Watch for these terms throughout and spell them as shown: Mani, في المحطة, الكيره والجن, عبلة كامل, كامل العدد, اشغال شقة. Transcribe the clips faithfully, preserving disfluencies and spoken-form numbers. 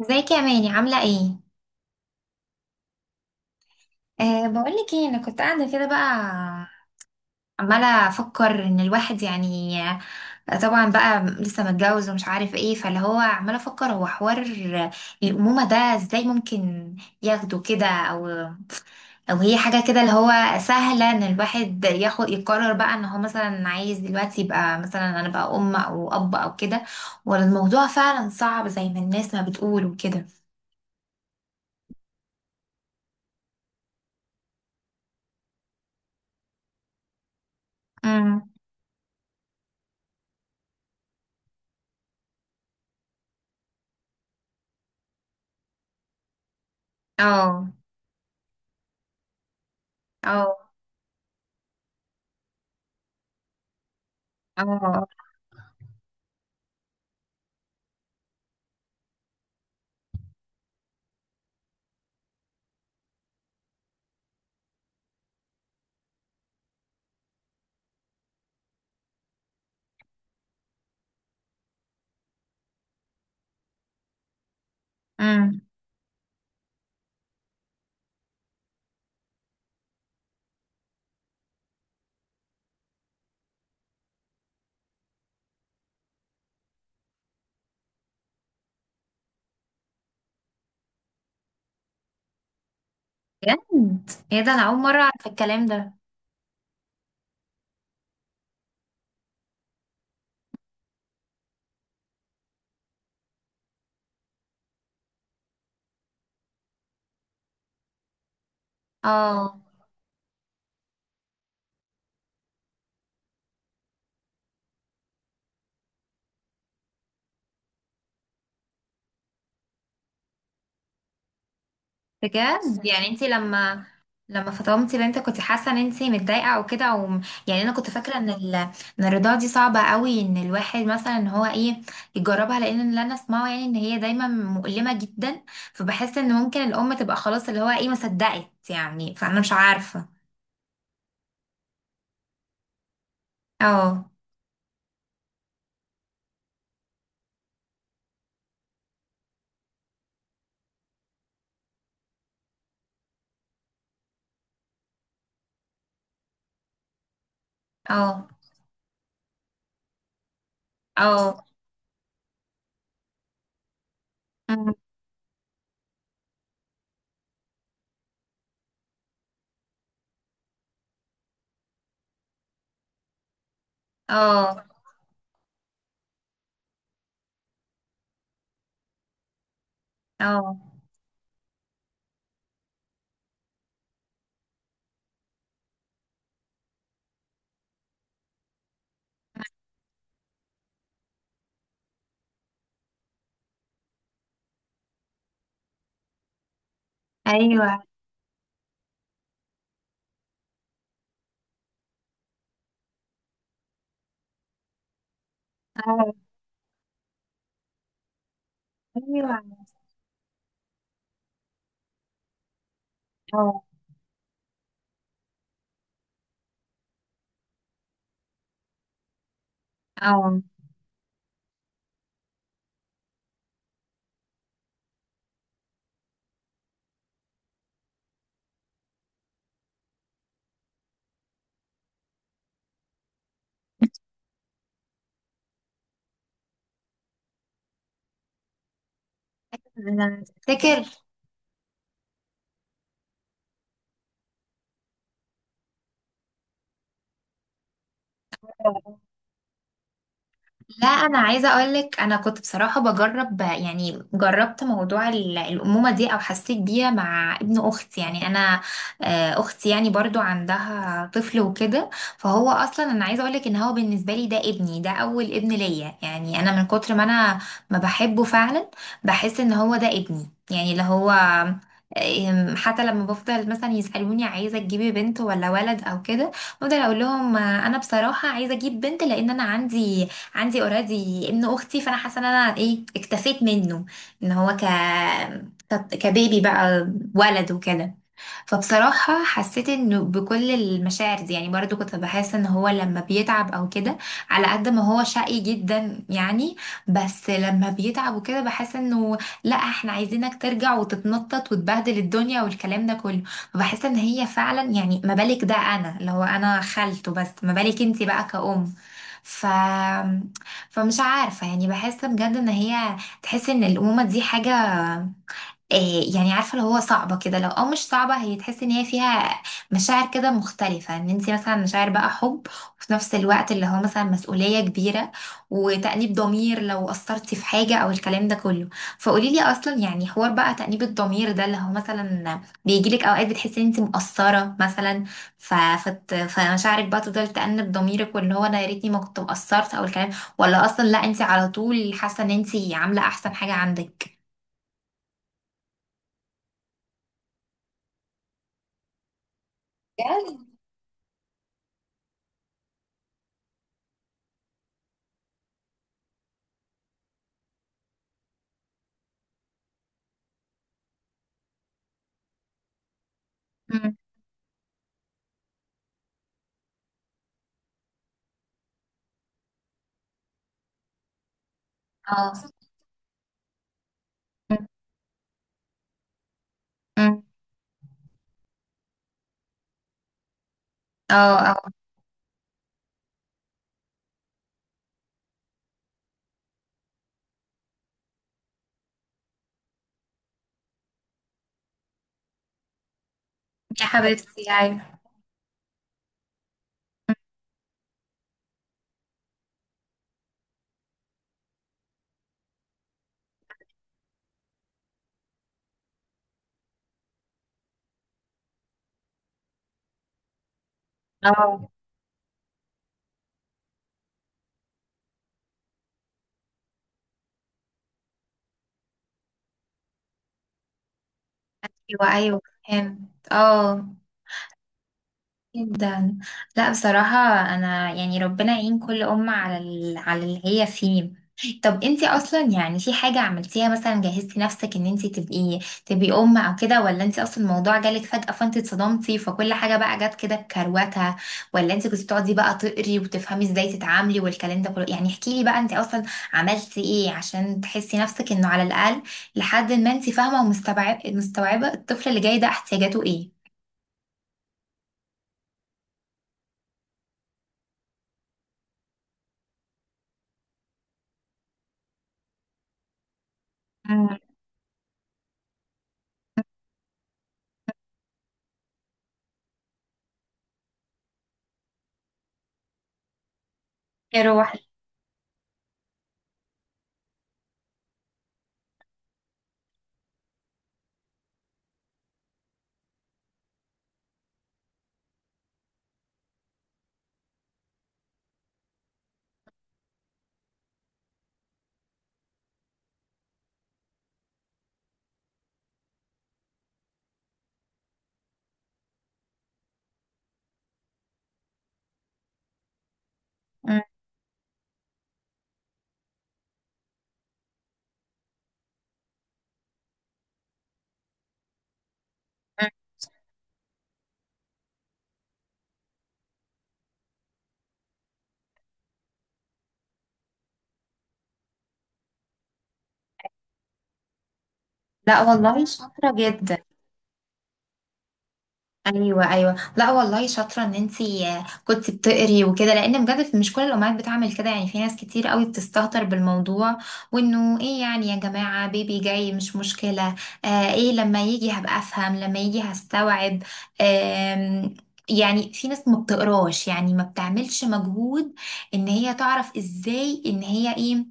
ازيك يا ماني عاملة ايه؟ أه بقولك ايه، انا كنت قاعدة كده بقى، عمالة افكر ان الواحد يعني آه، طبعا بقى لسه متجوز ومش عارف ايه، فاللي هو عمالة افكر هو حوار الأمومة ده، ازاي ممكن ياخده كده او او هي حاجة كده اللي هو سهلة ان الواحد ياخد يقرر بقى ان هو مثلا عايز دلوقتي يبقى مثلا انا بقى ام او اب او كده، ولا الموضوع فعلا صعب زي ما الناس ما بتقول وكده. امم. اه. اه. اه. امم. بجد، ايه ده؟ انا اول مره اعرف الكلام ده. اه. بجد يعني انت لما لما فطمتي بنتك كنت حاسه ان انت متضايقه او كده او يعني، انا كنت فاكره ان ال... ان الرضاعه دي صعبه قوي، ان الواحد مثلا ان هو ايه يجربها، لان اللي انا اسمعه يعني ان هي دايما مؤلمه جدا، فبحس ان ممكن الام تبقى خلاص اللي هو ايه ما صدقت يعني، فانا مش عارفه. اه. اه. اه. أمم. اه. اه. ايوه. اه. ايوه. اه. اه. انا افتكر. لا انا عايزه اقولك، انا كنت بصراحه بجرب يعني، جربت موضوع ال- الامومه دي او حسيت بيها مع ابن اختي، يعني انا آه، اختي يعني برضو عندها طفل وكده، فهو اصلا انا عايزه اقولك ان هو بالنسبه لي ده ابني، ده اول ابن ليا يعني، انا من كتر ما انا ما بحبه فعلا بحس ان هو ده ابني يعني اللي هو آه، آم، حتى لما بفضل مثلا يسألوني عايزة تجيبي بنت ولا ولد أو كده، بفضل أقول لهم آه، أنا بصراحة عايزة أجيب بنت، لأن أنا عندي عندي اوريدي ابن اختي، فانا حاسه ان انا ايه اكتفيت منه، ان هو ك ك- كبيبي بقى، ولد وكده. فبصراحة حسيت انه بكل المشاعر دي، يعني برضو كنت بحس ان هو لما بيتعب او كده، على قد ما هو شقي جدا يعني، بس لما بيتعب وكده بحس انه لا احنا عايزينك ترجع وتتنطط وتبهدل الدنيا والكلام ده كله. فبحس ان هي فعلا يعني، ما بالك ده انا اللي هو انا خالته، بس ما بالك انتي بقى كأم؟ ف... فمش عارفة يعني، بحس بجد ان هي تحس ان الأمومة دي حاجة إيه يعني، عارفه اللي هو صعبه كده لو او مش صعبه، هي تحس ان هي فيها مشاعر كده مختلفه، ان انت مثلا مشاعر بقى حب، وفي نفس الوقت اللي هو مثلا مسؤوليه كبيره، وتأنيب ضمير لو قصرتي في حاجه او الكلام ده كله. فقولي لي اصلا يعني، حوار بقى تأنيب الضمير ده اللي هو مثلا بيجي لك اوقات بتحسي ان انت مقصره مثلا، ف... فت... فمشاعرك بقى تفضل تأنب ضميرك واللي هو انا يا ريتني ما كنت مقصرت او الكلام، ولا اصلا لا انت على طول حاسه ان انت عامله احسن حاجه عندك؟ بجد. مم. اه. أمم. اه. اه. يا حبيبتي، ايوه. اه. ايوه. ايوه. فهمت، اه. جدا. لا بصراحة، أنا يعني ربنا يعين كل أم على ال... على اللي هي فيه. طب انتي أصلا يعني في حاجة عملتيها مثلا، جهزتي نفسك إن انتي تبقي تبقي أم أو كده، ولا انتي أصلا الموضوع جالك فجأة فانتي اتصدمتي فكل حاجة بقى جت كده بكروتها، ولا انتي كنتي بتقعدي بقى تقري وتفهمي ازاي تتعاملي والكلام ده كله؟ يعني احكيلي بقى، انتي أصلا عملتي ايه عشان تحسي نفسك إنه على الأقل لحد ما انتي فاهمة ومستوعبة، مستوعبة الطفل اللي جاي ده احتياجاته ايه. مم. يا روحي. مم. لا والله شاطرة جدا. ايوه، ايوه. لا والله شاطرة ان انتي آه، كنت بتقري وكده، لان بجد مش كل الامهات بتعمل كده، يعني في ناس كتير قوي بتستهتر بالموضوع، وانه ايه يعني يا جماعة بيبي جاي مش مشكلة، آه ايه لما يجي هبقى افهم لما يجي هستوعب. آم، يعني في ناس ما بتقراش، يعني ما بتعملش مجهود ان هي تعرف ازاي ان هي ايه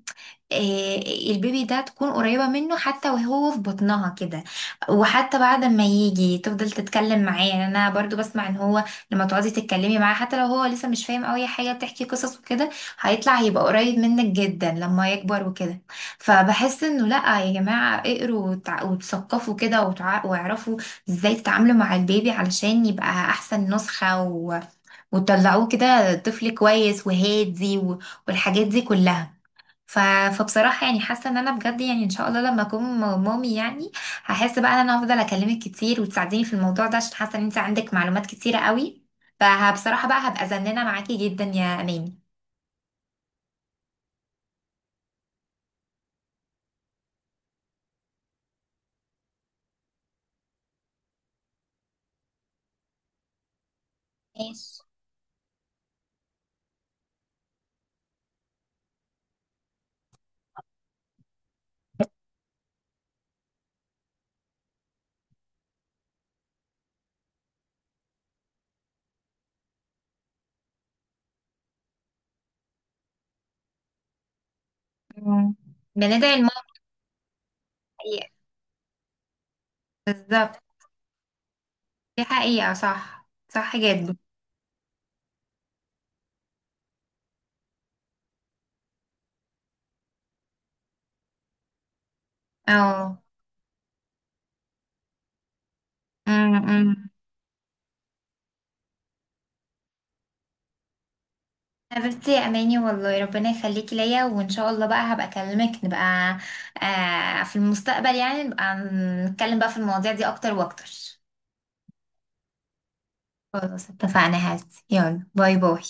إيه، البيبي ده تكون قريبة منه حتى وهو في بطنها كده، وحتى بعد ما يجي تفضل تتكلم معاه، يعني انا برضو بسمع ان هو لما تقعدي تتكلمي معاه حتى لو هو لسه مش فاهم قوي حاجة، بتحكي قصص وكده هيطلع هيبقى قريب منك جدا لما يكبر وكده. فبحس انه لا يا جماعة اقروا وتع- وتثقفوا كده وتع- واعرفوا ازاي تتعاملوا مع البيبي علشان يبقى احسن نسخة و... وتطلعوه كده طفل كويس وهادي و... والحاجات دي كلها. ف... فبصراحة يعني حاسة ان انا بجد، يعني ان شاء الله لما اكون م- مامي يعني، هحس بقى ان انا هفضل اكلمك كتير وتساعديني في الموضوع ده، عشان حاسة ان انت عندك معلومات كتيرة قوي. فبصراحة بقى هبقى زنانة معاكي جدا يا اماني. ماشي. مم. بندعي الماما. حقيقة. بالظبط. دي حقيقة، صح، صح جدا. اه. مم. مم. حبيبتي يا اماني، والله ربنا يخليكي ليا، وان شاء الله بقى هبقى اكلمك، نبقى آه في المستقبل يعني نبقى نتكلم بقى في المواضيع دي اكتر واكتر. خلاص اتفقنا، هات، يلا باي باي.